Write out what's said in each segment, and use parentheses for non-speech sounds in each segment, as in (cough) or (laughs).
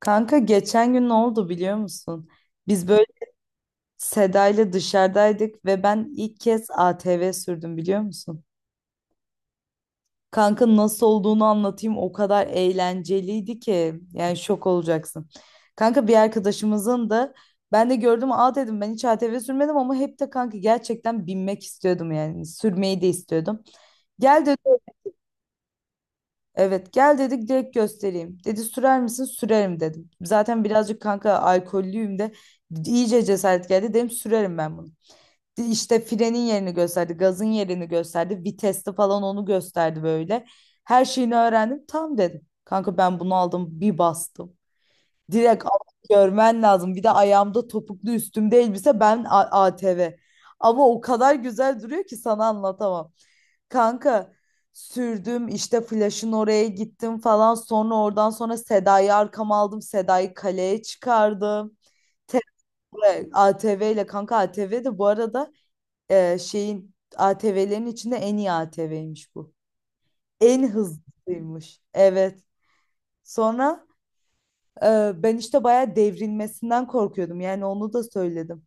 Kanka geçen gün ne oldu biliyor musun? Biz böyle Seda ile dışarıdaydık ve ben ilk kez ATV sürdüm biliyor musun? Kanka nasıl olduğunu anlatayım, o kadar eğlenceliydi ki yani şok olacaksın. Kanka bir arkadaşımızın da ben de gördüm, aa dedim ben hiç ATV sürmedim ama hep de kanka gerçekten binmek istiyordum, yani sürmeyi de istiyordum. Gel Evet, gel dedik, direkt göstereyim. Dedi sürer misin? Sürerim dedim. Zaten birazcık kanka alkollüyüm de iyice cesaret geldi. Dedim sürerim ben bunu. İşte frenin yerini gösterdi. Gazın yerini gösterdi. Viteste falan onu gösterdi böyle. Her şeyini öğrendim. Tam dedim. Kanka ben bunu aldım bir bastım. Direkt görmen lazım. Bir de ayağımda topuklu, üstümde elbise, ben ATV. Ama o kadar güzel duruyor ki sana anlatamam. Kanka sürdüm işte, flash'ın oraya gittim falan, sonra oradan sonra Seda'yı arkama aldım, Seda'yı kaleye çıkardım. Te- ATV ile, kanka ATV de bu arada, şeyin ATV'lerin içinde en iyi ATV'ymiş bu, en hızlısıymış, evet. Sonra ben işte bayağı devrilmesinden korkuyordum, yani onu da söyledim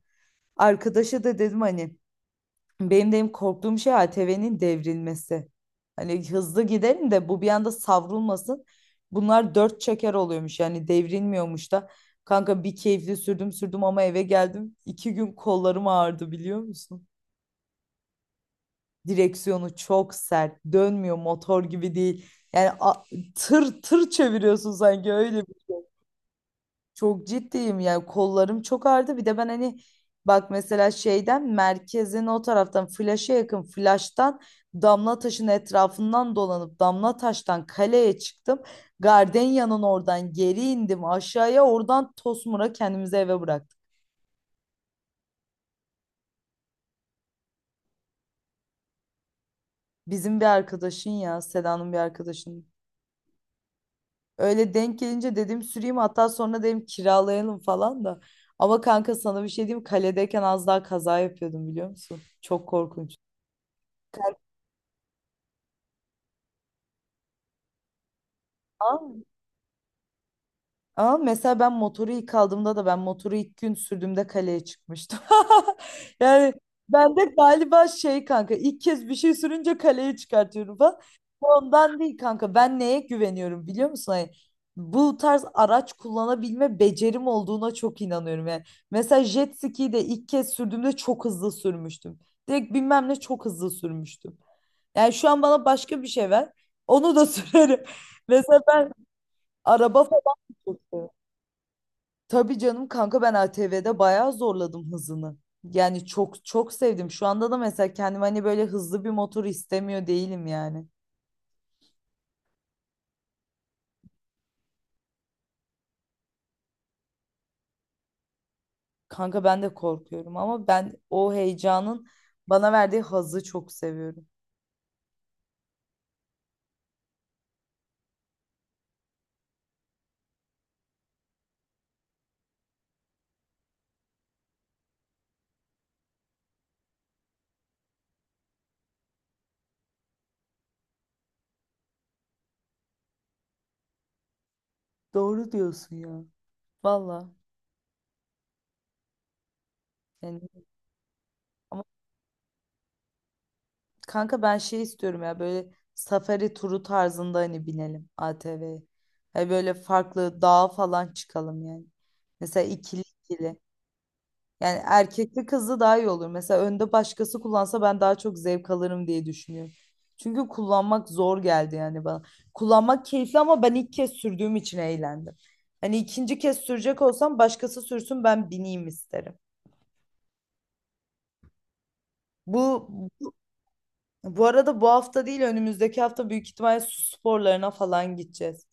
arkadaşa, da dedim hani, benim de en korktuğum şey ATV'nin devrilmesi. Hani hızlı gidelim de bu bir anda savrulmasın. Bunlar dört çeker oluyormuş, yani devrilmiyormuş da. Kanka bir keyifli sürdüm sürdüm, ama eve geldim, 2 gün kollarım ağrıdı biliyor musun? Direksiyonu çok sert. Dönmüyor, motor gibi değil. Yani, tır tır çeviriyorsun sanki, öyle. Çok ciddiyim, yani kollarım çok ağrıdı. Bir de ben hani, bak mesela şeyden, merkezin o taraftan flaşa yakın, flaştan damla taşın etrafından dolanıp damla taştan kaleye çıktım. Gardenya'nın oradan geri indim aşağıya, oradan Tosmur'a kendimizi eve bıraktık. Bizim bir arkadaşın, ya Seda'nın bir arkadaşının. Öyle denk gelince dedim süreyim, hatta sonra dedim kiralayalım falan da. Ama kanka sana bir şey diyeyim, kaledeyken az daha kaza yapıyordum biliyor musun? Çok korkunç. Aa. Ama mesela ben motoru ilk aldığımda da, ben motoru ilk gün sürdüğümde kaleye çıkmıştım. (laughs) Yani ben de galiba şey kanka, ilk kez bir şey sürünce kaleye çıkartıyorum falan. Ondan değil kanka, ben neye güveniyorum biliyor musun? Hani bu tarz araç kullanabilme becerim olduğuna çok inanıyorum yani. Mesela jet ski'yi de ilk kez sürdüğümde çok hızlı sürmüştüm. Direkt bilmem ne, çok hızlı sürmüştüm. Yani şu an bana başka bir şey ver. Onu da (laughs) sürerim. Mesela ben araba falan da çok seviyorum. Tabii canım kanka, ben ATV'de bayağı zorladım hızını. Yani çok çok sevdim. Şu anda da mesela kendim hani böyle hızlı bir motor istemiyor değilim yani. Kanka ben de korkuyorum ama ben o heyecanın bana verdiği hazzı çok seviyorum. Doğru diyorsun ya. Valla. Yani, ama kanka ben şey istiyorum ya, böyle safari turu tarzında hani binelim ATV'ye. Hani böyle farklı dağa falan çıkalım yani. Mesela ikili ikili. Yani erkekli kızlı daha iyi olur. Mesela önde başkası kullansa ben daha çok zevk alırım diye düşünüyorum. Çünkü kullanmak zor geldi yani bana. Kullanmak keyifli, ama ben ilk kez sürdüğüm için eğlendim. Hani ikinci kez sürecek olsam başkası sürsün, ben bineyim isterim. Bu bu arada bu hafta değil önümüzdeki hafta büyük ihtimalle su sporlarına falan gideceğiz.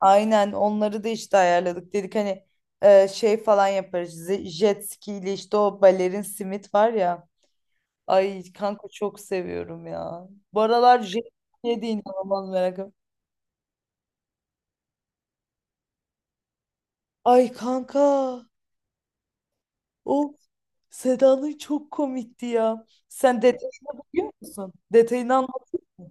Aynen, onları da işte ayarladık. Dedik hani şey falan yaparız. Jet ski ile işte, o balerin simit var ya. Ay kanka, çok seviyorum ya. Bu aralar J.K. de inanılmaz merakım. Ay kanka. O Seda'nın çok komikti ya. Sen detayını biliyor musun? Detayını anlatayım mı?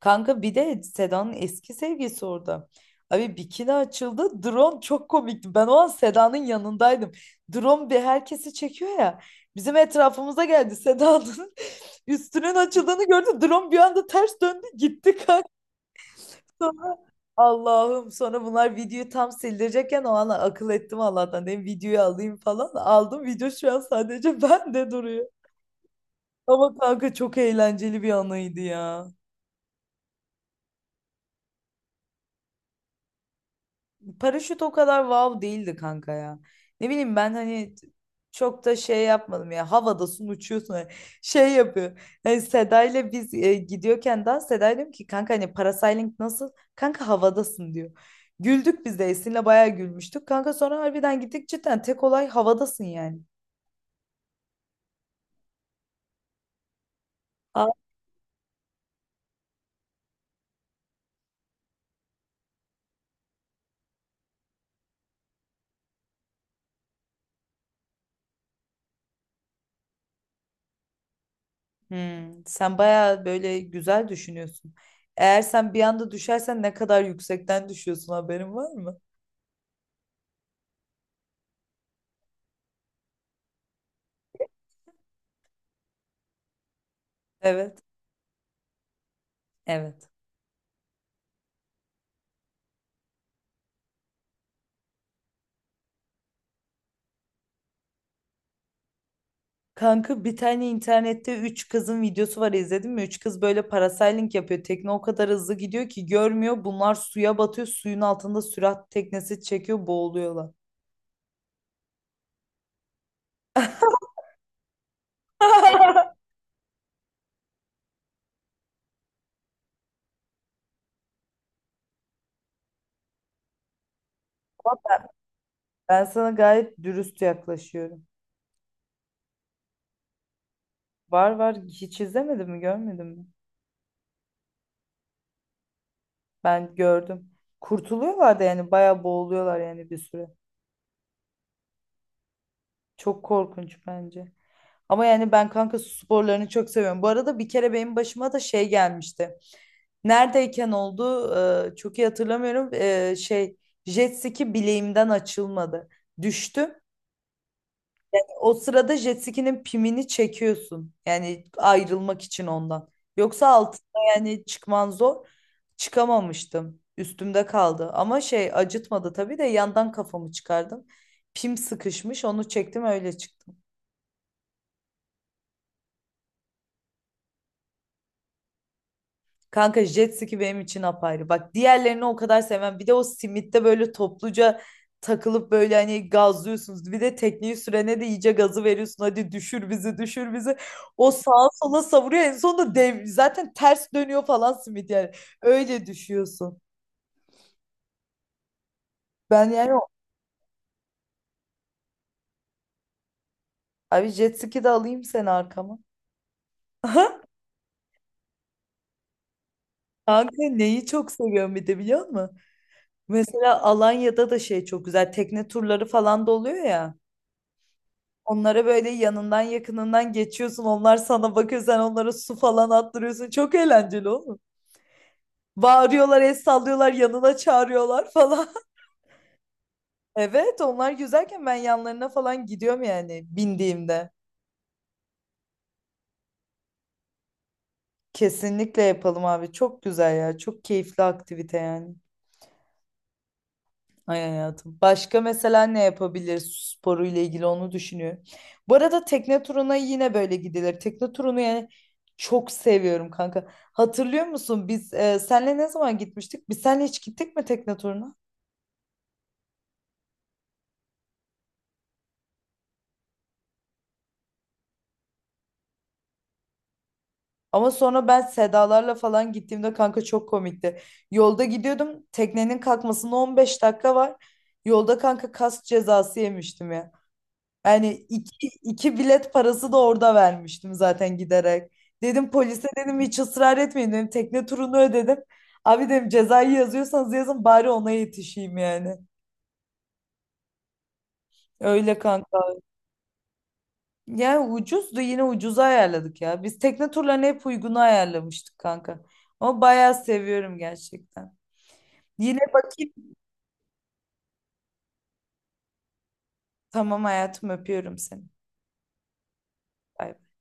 Kanka bir de Seda'nın eski sevgilisi orada. Abi bikini açıldı. Drone çok komikti. Ben o an Seda'nın yanındaydım. Drone bir herkesi çekiyor ya. Bizim etrafımıza geldi, Seda'nın (laughs) üstünün açıldığını gördü. Drone bir anda ters döndü gitti kanka. Allah'ım, sonra bunlar videoyu tam sildirecekken o an akıl ettim, Allah'tan, dedim videoyu alayım falan. Aldım, video şu an sadece (laughs) bende duruyor. Ama kanka çok eğlenceli bir anıydı ya. Paraşüt o kadar wow değildi kanka ya. Ne bileyim, ben hani çok da şey yapmadım ya. Havadasın, uçuyorsun. Hani şey yapıyor. Yani Seda ile biz gidiyorken dans, Seda diyorum ki, kanka hani parasailing nasıl? Kanka havadasın diyor. Güldük, biz de Esin'le bayağı gülmüştük. Kanka sonra harbiden gittik, cidden tek olay havadasın yani. Aa. Hmm, sen bayağı böyle güzel düşünüyorsun. Eğer sen bir anda düşersen, ne kadar yüksekten düşüyorsun, haberin var mı? Evet. Evet. Kanka bir tane internette 3 kızın videosu var, izledin mi? 3 kız böyle parasailing yapıyor. Tekne o kadar hızlı gidiyor ki görmüyor. Bunlar suya batıyor. Suyun altında sürat teknesi çekiyor, boğuluyorlar. (laughs) Ben sana gayet dürüst yaklaşıyorum. Var var, hiç izlemedin mi, görmedin mi? Ben gördüm. Kurtuluyorlar da yani, bayağı boğuluyorlar yani bir süre. Çok korkunç bence. Ama yani ben kanka su sporlarını çok seviyorum. Bu arada bir kere benim başıma da şey gelmişti. Neredeyken oldu çok iyi hatırlamıyorum. Şey, jet ski bileğimden açılmadı. Düştüm. O sırada jet ski'nin pimini çekiyorsun. Yani ayrılmak için ondan. Yoksa altında yani çıkman zor. Çıkamamıştım, üstümde kaldı. Ama şey, acıtmadı tabii de, yandan kafamı çıkardım. Pim sıkışmış, onu çektim, öyle çıktım. Kanka jet ski benim için apayrı. Bak, diğerlerini o kadar sevmem. Bir de o simitte böyle topluca takılıp böyle hani gazlıyorsunuz. Bir de tekneyi sürene de iyice gazı veriyorsun, hadi düşür bizi, düşür bizi. O sağa sola savuruyor. En sonunda dev, zaten ters dönüyor falan simit yani. Öyle düşüyorsun. Ben, abi jet ski de alayım seni arkama. (laughs) Kanka neyi çok seviyorum bir de biliyor musun? Mesela Alanya'da da şey çok güzel. Tekne turları falan da oluyor ya. Onlara böyle yanından yakınından geçiyorsun. Onlar sana bakıyor. Sen onlara su falan attırıyorsun. Çok eğlenceli oğlum. Bağırıyorlar, el sallıyorlar, yanına çağırıyorlar falan. (laughs) Evet, onlar güzelken ben yanlarına falan gidiyorum yani, bindiğimde. Kesinlikle yapalım abi. Çok güzel ya. Çok keyifli aktivite yani. Ay hayatım. Başka mesela ne yapabilir sporu ile ilgili, onu düşünüyorum. Bu arada tekne turuna yine böyle gidilir. Tekne turunu yani çok seviyorum kanka. Hatırlıyor musun biz senle ne zaman gitmiştik? Biz senle hiç gittik mi tekne turuna? Ama sonra ben Sedalarla falan gittiğimde kanka çok komikti. Yolda gidiyordum. Teknenin kalkmasına 15 dakika var. Yolda kanka kas cezası yemiştim ya. Yani iki, iki bilet parası da orada vermiştim zaten, giderek. Dedim polise, dedim hiç ısrar etmeyin dedim, tekne turunu ödedim. Abi dedim, cezayı yazıyorsanız yazın, bari ona yetişeyim yani. Öyle kanka. Yani ucuzdu, yine ucuza ayarladık ya. Biz tekne turlarını hep uygunu ayarlamıştık kanka. Ama bayağı seviyorum gerçekten. Yine bakayım. Tamam hayatım, öpüyorum seni. Bay bay.